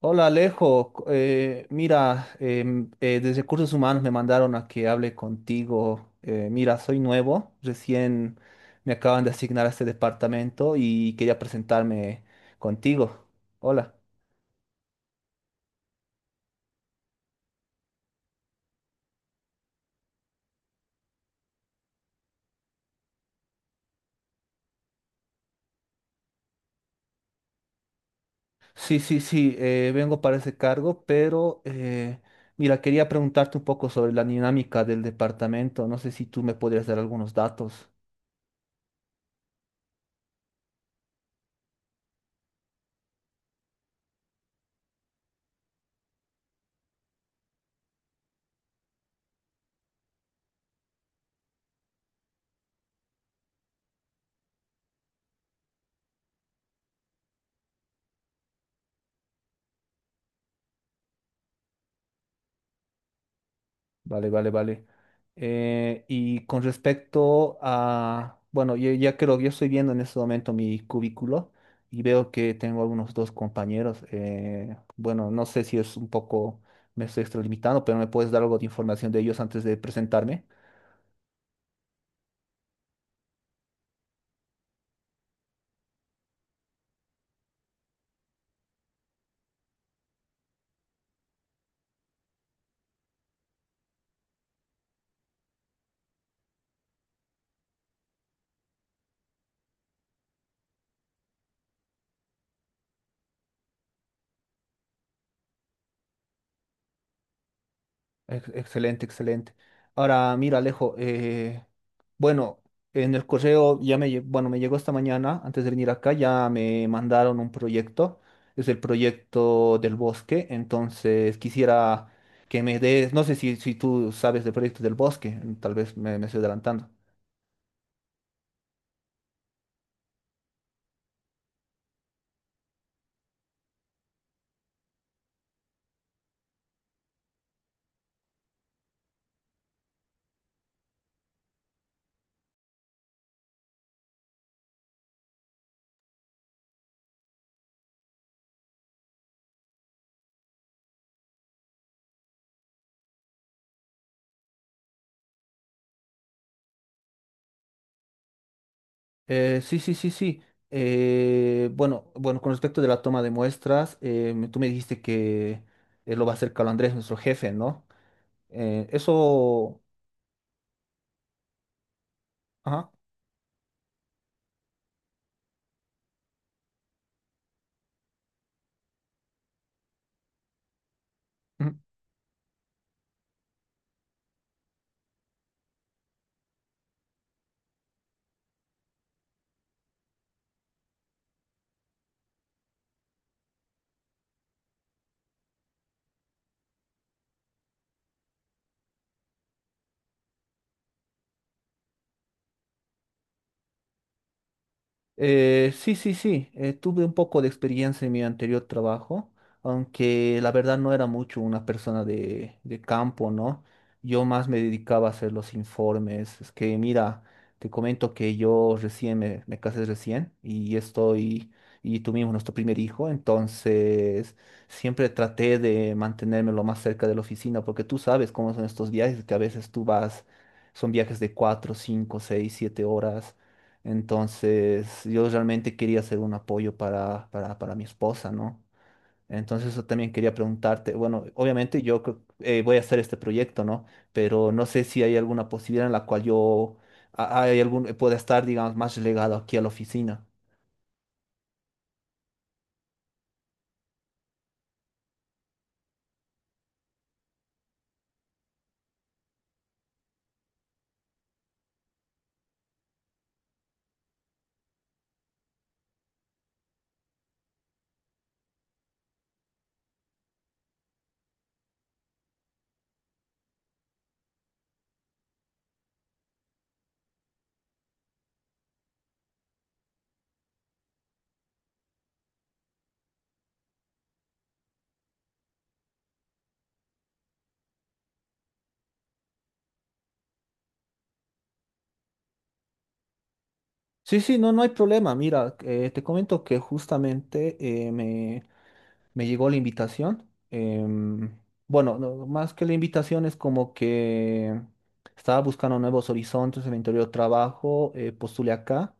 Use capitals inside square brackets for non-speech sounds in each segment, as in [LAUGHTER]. Hola Alejo, mira, desde Recursos Humanos me mandaron a que hable contigo. Mira, soy nuevo, recién me acaban de asignar a este departamento y quería presentarme contigo. Hola. Sí, sí, sí, vengo para ese cargo, pero mira, quería preguntarte un poco sobre la dinámica del departamento. No sé si tú me podrías dar algunos datos. Vale, vale, vale. Y con respecto a, bueno, yo ya creo, yo estoy viendo en este momento mi cubículo y veo que tengo algunos dos compañeros. Bueno, no sé si es un poco, me estoy extralimitando, pero me puedes dar algo de información de ellos antes de presentarme. Excelente, excelente. Ahora, mira, Alejo, bueno, en el correo ya me, bueno, me llegó esta mañana, antes de venir acá, ya me mandaron un proyecto, es el proyecto del bosque, entonces quisiera que me des, no sé si, si tú sabes del proyecto del bosque, tal vez me, me estoy adelantando. Sí, sí, sí, sí. Bueno, bueno, con respecto de la toma de muestras, tú me dijiste que lo va a hacer Carlos Andrés, nuestro jefe, ¿no? Eh, eso... ajá. Mm. Sí, sí, sí. Tuve un poco de experiencia en mi anterior trabajo, aunque la verdad no era mucho una persona de campo, ¿no? Yo más me dedicaba a hacer los informes. Es que, mira, te comento que yo recién me, me casé recién y estoy, y tuvimos nuestro primer hijo, entonces siempre traté de mantenerme lo más cerca de la oficina, porque tú sabes cómo son estos viajes, que a veces tú vas, son viajes de 4, 5, 6, 7 horas. Entonces, yo realmente quería hacer un apoyo para mi esposa, ¿no? Entonces, eso también quería preguntarte. Bueno, obviamente voy a hacer este proyecto, ¿no? Pero no sé si hay alguna posibilidad en la cual yo a- hay algún, pueda estar, digamos, más relegado aquí a la oficina. Sí, sí, no, no hay problema. Mira, te comento que justamente eh, me, me llegó la invitación. em, bueno, no, más que la invitación es como que estaba buscando nuevos horizontes en mi anterior trabajo, postulé acá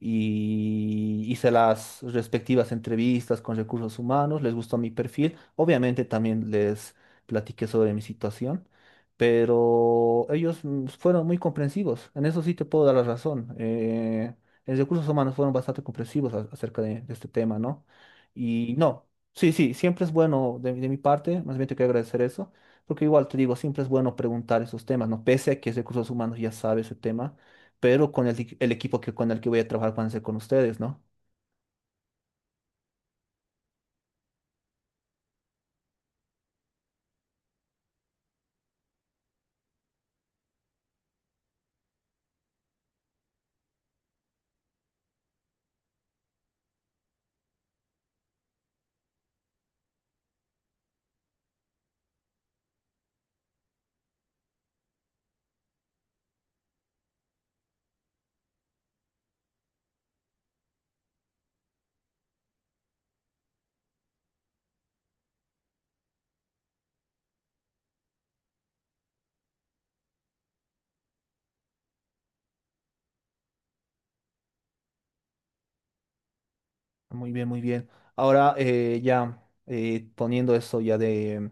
y hice las respectivas entrevistas con Recursos Humanos, les gustó mi perfil. Obviamente también les platiqué sobre mi situación, pero ellos fueron muy comprensivos. En eso sí te puedo dar la razón. En Recursos Humanos fueron bastante comprensivos acerca de este tema, ¿no? Y no. Sí, sí, siempre es bueno de mi parte, más bien te quiero agradecer eso, porque igual te digo, siempre es bueno preguntar esos temas, ¿no? Pese a que es de Recursos Humanos ya sabe ese tema, pero con el equipo que, con el que voy a trabajar van a ser con ustedes, ¿no? Muy bien, muy bien. Ahora ya poniendo eso ya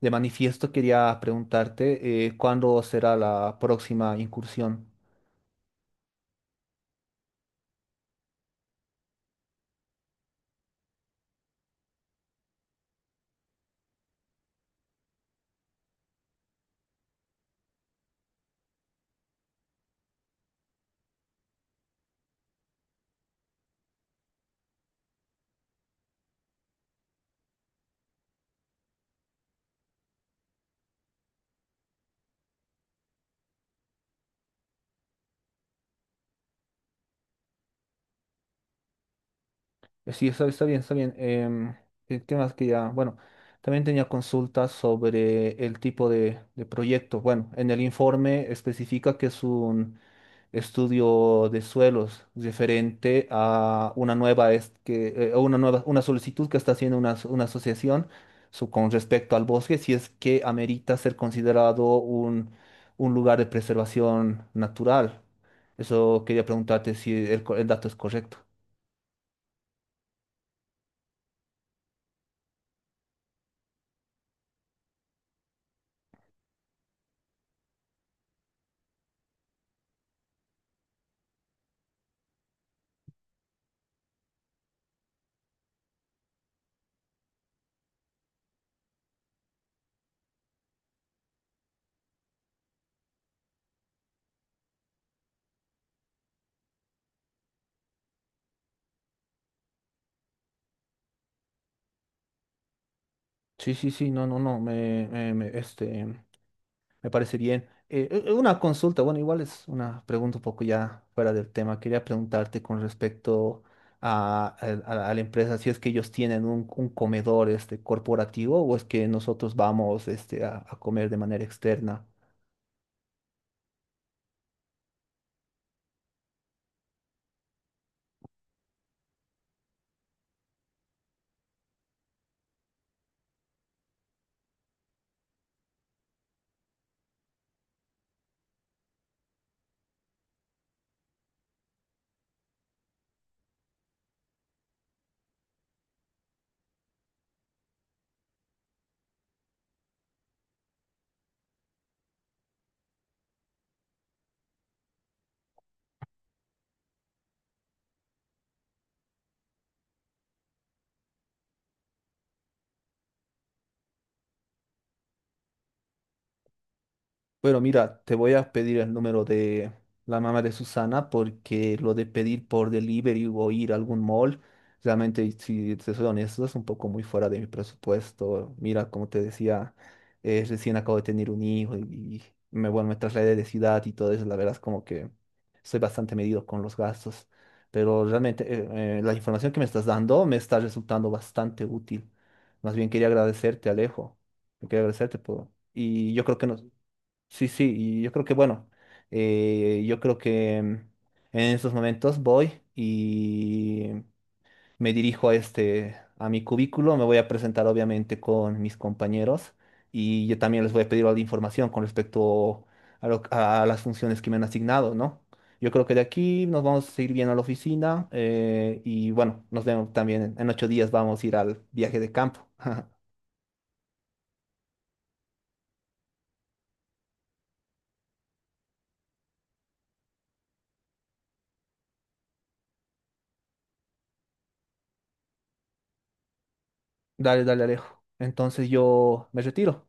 de manifiesto, quería preguntarte, ¿cuándo será la próxima incursión? Sí, está, está bien, está bien. Em, ¿qué qué más que ya? Bueno, también tenía consultas sobre el tipo de proyecto. Bueno, en el informe especifica que es un estudio de suelos referente a una nueva, a una nueva, una solicitud que está haciendo una, una asociación con respecto al bosque, si es que amerita ser considerado un lugar de preservación natural. Eso quería preguntarte si el dato es correcto. Sí, sí, sí, no, no, no, me parece bien. Una consulta, bueno, igual es una pregunta un poco ya fuera del tema. Quería preguntarte con respecto a, al- a la empresa, si es que ellos tienen un comedor este, corporativo o es que nosotros vamos este, a comer de manera externa. Bueno, mira, te voy a pedir el número de la mamá de Susana porque lo de pedir por delivery o ir a algún mall, realmente, si te soy honesto, es un poco muy fuera de mi presupuesto. Mira, como te decía, recién acabo de tener un hijo y me, bueno, me trasladé de ciudad y todo eso, la verdad es como que soy bastante medido con los gastos, pero realmente la información que me estás dando me está resultando bastante útil. Más bien quería agradecerte, Alejo. Quería agradecerte por... Y yo creo que no. Sí, sí, y yo creo que bueno, yo creo que en estos momentos voy y me dirijo a este, a mi cubículo, me voy a presentar obviamente con mis compañeros y yo también les voy a pedir la información con respecto a las funciones que me han asignado, ¿no? Yo creo que de aquí nos vamos a ir bien a la oficina y bueno, nos vemos también en 8 días, vamos a ir al viaje de campo. [LAUGHS] Dale, dale, Alejo. Entonces yo me retiro.